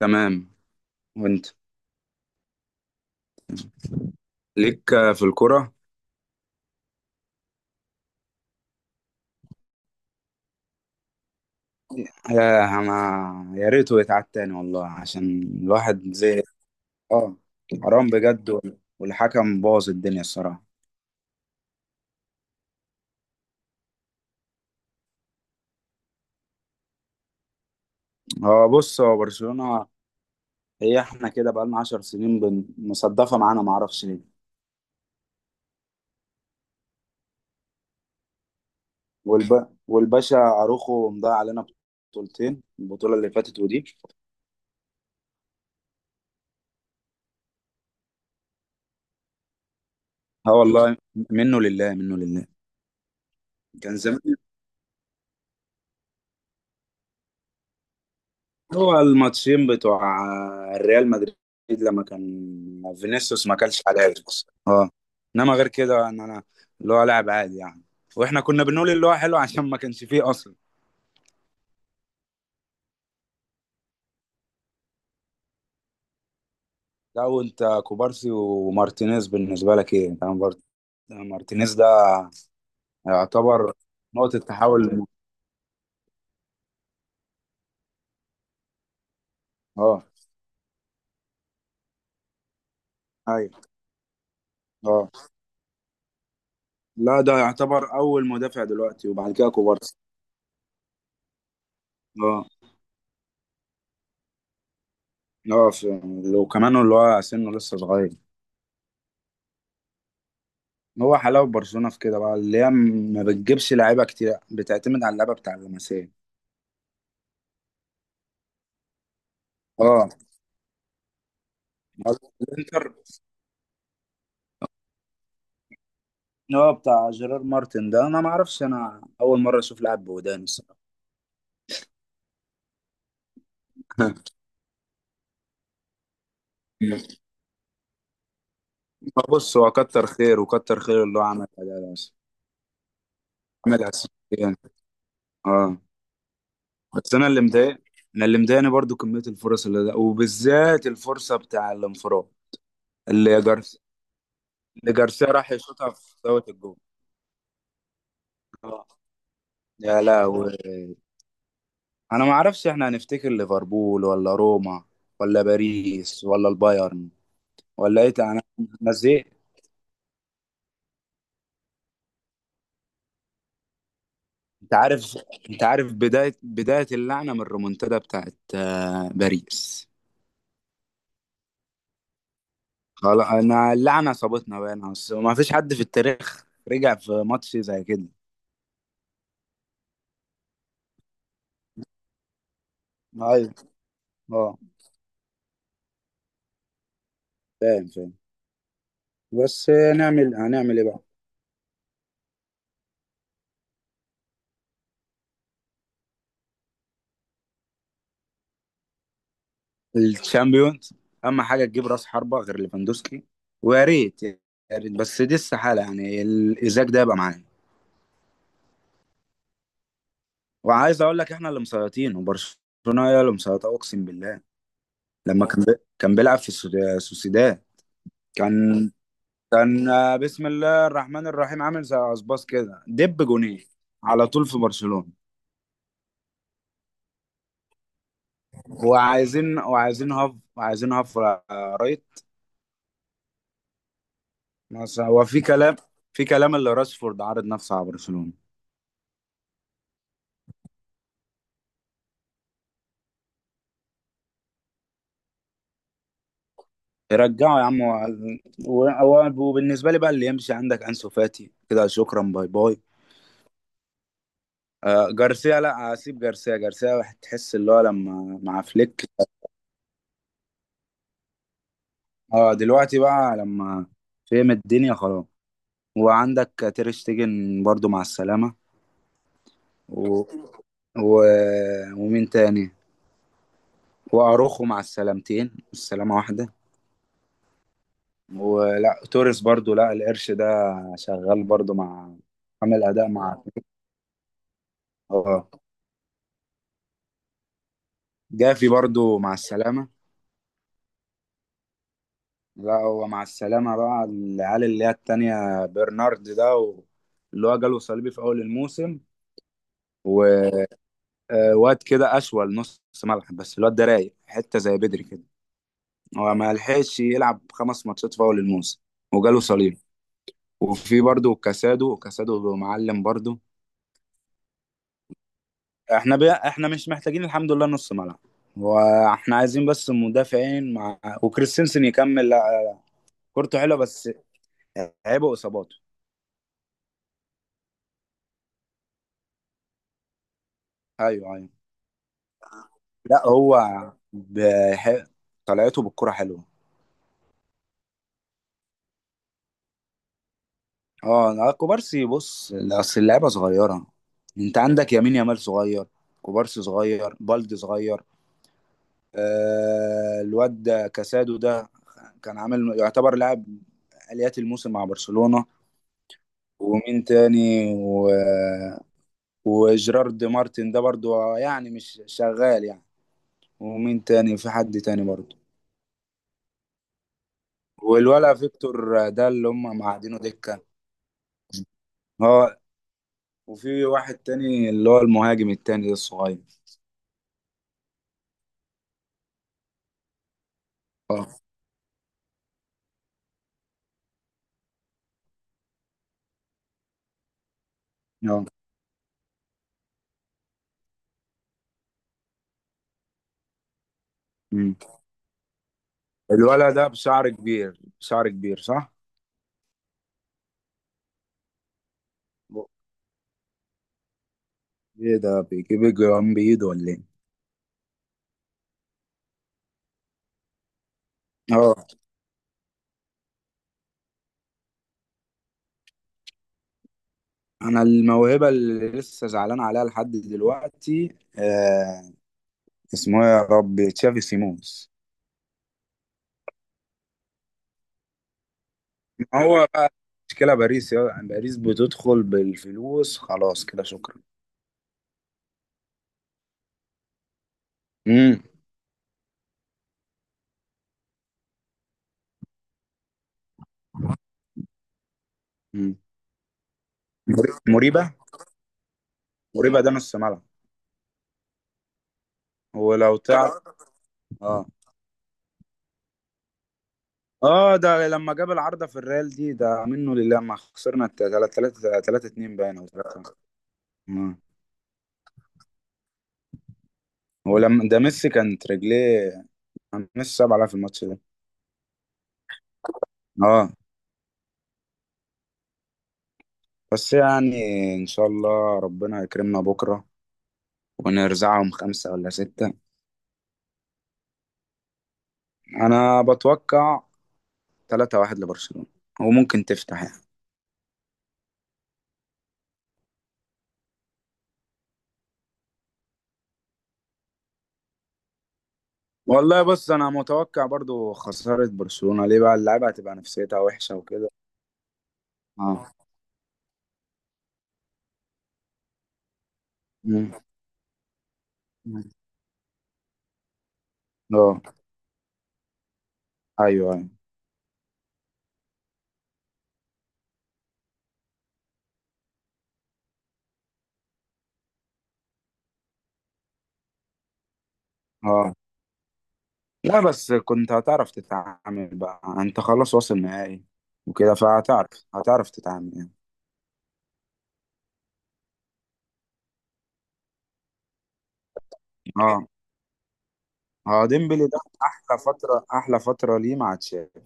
تمام. وانت؟ ليك في الكرة؟ يا انا يا ريته يتعاد تاني والله، عشان الواحد زي. اه، حرام بجد. والحكم باظ الدنيا الصراحة. هو بص، هو برشلونة. هي احنا كده بقالنا 10 سنين، مصدفة معانا، معرفش ليه. والباشا اروخو مضيع علينا بطولتين، البطولة اللي فاتت ودي. اه والله، منه لله منه لله. كان زمان هو الماتشين بتوع الريال مدريد، لما كان فينيسيوس ما كانش حاجه اصلا. اه، انما غير كده، ان انا اللي هو لاعب عادي يعني. واحنا كنا بنقول اللي هو حلو عشان ما كانش فيه اصلا. لا، وانت كوبارسي ومارتينيز بالنسبه لك ايه؟ انت مارتينيز ده يعتبر نقطه تحول. اه، ايوه، اه. لا، ده يعتبر اول مدافع دلوقتي، وبعد كده كوبارسي. اه، اه. وكمان اللي هو سنه لسه صغير. هو حلاوة برشلونة في كده بقى، اللي هي ما بتجيبش لعيبة كتير، بتعتمد على اللعبة بتاع اللمسية. اه، الانتر. هو بتاع جيرار مارتن ده، انا ما اعرفش، انا اول مرة اشوف لاعب بودان الصراحة. بص، هو كتر خير، وكتر خير اللي هو عملها، ده بس. عملها اسيستين. اه، بس انا اللي مضايقني برضو كمية الفرص اللي ده، وبالذات الفرصة بتاع الانفراد. اللي جارس اللي جارسيا راح يشوطها في زاوية الجول. آه، يا لهوي. انا ما اعرفش، احنا هنفتكر ليفربول ولا روما ولا باريس ولا البايرن ولا ايه تاني. انا أنا زهقت. انت عارف انت عارف، بدايه اللعنه من الريمونتادا بتاعت باريس. خلاص، انا اللعنه صابتنا بقى. أنا أصل ما فيش حد في التاريخ رجع في ماتش زي كده. ايوه، اه، فاهم فاهم. بس هنعمل ايه بقى. الشامبيونز اهم حاجه، تجيب راس حربه غير ليفاندوسكي. ويا ريت يا ريت، بس دي استحاله يعني الازاك ده يبقى معانا. وعايز اقول لك احنا اللي مسيطرين، وبرشلونه هي اللي مسيطره، اقسم بالله. لما كان بيلعب في السوسيداد، كان كان بسم الله الرحمن الرحيم، عامل زي عصباص كده، دب جونين على طول في برشلونه. وعايزين هاف، رايت. مثلا هو في كلام، اللي راشفورد عارض نفسه على برشلونه. رجعه يا عم، وبالنسبه لي بقى، اللي يمشي عندك انسو فاتي، كده شكرا، باي باي. آه، جارسيا لا، اسيب جارسيا. جارسيا واحد تحس اللي هو لما مع فليك. اه، دلوقتي بقى لما فهم الدنيا خلاص. وعندك تير شتيجن برضو مع السلامة. و... و... ومين تاني؟ واروخو مع السلامتين، السلامة واحدة. ولا توريس برضو، لا، القرش ده شغال برضو، مع، عامل أداء مع، اه. جافي برضو مع السلامة. لا، هو مع السلامة بقى العيال اللي هي التانية، برنارد ده، اللي هو جاله صليبي في أول الموسم. وواد كده أشول نص ملعب، بس الواد ده رايق حتة زي بدري كده. هو ما لحقش يلعب خمس ماتشات في أول الموسم وجاله صليبي. وفي برضه كاسادو، كاسادو معلم برضه. احنا مش محتاجين الحمد لله نص ملعب، واحنا عايزين بس مدافعين مع، وكريستنسن يكمل لا، كورته حلوه بس عيبه اصاباته. ايوه، ايوه. لا هو بح... طلعته بالكرة حلوة. اه، لا، كوبارسي، بص اصل اللعبة صغيرة. انت عندك يمين يامال صغير، كوبارسي صغير، بالدي صغير. آه، الواد ده كاسادو ده كان عامل يعتبر لاعب آليات الموسم مع برشلونة. ومين تاني؟ وجيرارد مارتن ده برضو، يعني مش شغال يعني. ومين تاني؟ في حد تاني برضو؟ والولا فيكتور ده اللي هم معادينه دكة. اه، وفي واحد تاني اللي هو المهاجم التاني ده الصغير. اه، اه، أمم. الولد ده بشعر كبير، بشعر كبير، صح؟ ب- ايه ده؟ بيجيب الجرام بايده ولا ايه؟ اه، انا الموهبة اللي لسه زعلان عليها لحد دلوقتي آه، اسمه إيه يا ربي؟ تشافي سيمونز. هو بقى مشكلة باريس، يا باريس بتدخل بالفلوس، خلاص كده شكرا. امم، أمم. مريبة، مريبة ده نص ملعب. ولو تعرف. اه، اه، ده لما جاب العارضة في الريال دي، ده منه لله. ما خسرنا 3-3، 3-2 باين، او 3. ولما ده ميسي كانت رجليه، كان ميسي صعب عليها في الماتش ده. اه، بس يعني ان شاء الله ربنا يكرمنا بكرة ونرزعهم خمسة ولا ستة. انا بتوقع 3-1 لبرشلونة، وممكن تفتح يعني. والله، بص انا متوقع برضو خسارة برشلونة، ليه بقى؟ اللعيبة هتبقى نفسيتها وحشة وكده. اه، مم. اه، ايوه، ايوه. اه، لا، بس كنت هتعرف تتعامل بقى، انت خلاص واصل نهائي وكده. فهتعرف، تتعامل يعني. اه، اه، ديمبلي ده احلى فترة، احلى فترة ليه؟ مع تشافي.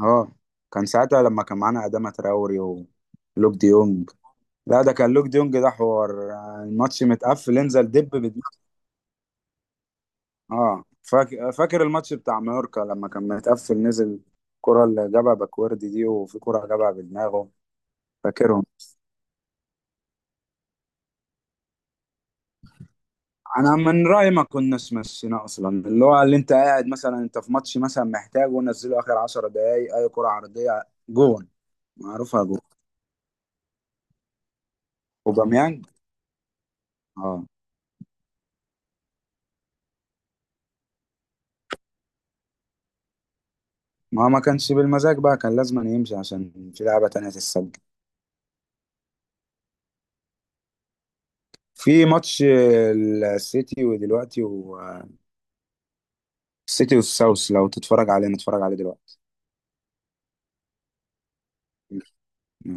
اه، كان ساعتها لما كان معانا أداما تراوري ولوك ديونج. لا، ده كان لوك ديونج ده حوار، الماتش متقفل انزل دب بدماغك. اه، فاكر، فاكر الماتش بتاع مايوركا لما كان متقفل نزل الكرة اللي جابها باكوردي دي، وفي كرة جابها بدماغه. فاكرهم. انا من رايي ما كناش مشينا اصلا، اللي هو اللي انت قاعد مثلا، انت في ماتش مثلا محتاج ونزله اخر 10 دقايق اي كره عرضيه، جون. معروفها جون اوباميانج. اه، ما كانش بالمزاج بقى، كان لازم أن يمشي عشان في لعبه تانية تتسجل في ماتش السيتي. ودلوقتي والسيتي والساوث، لو تتفرج عليه نتفرج عليه دلوقتي.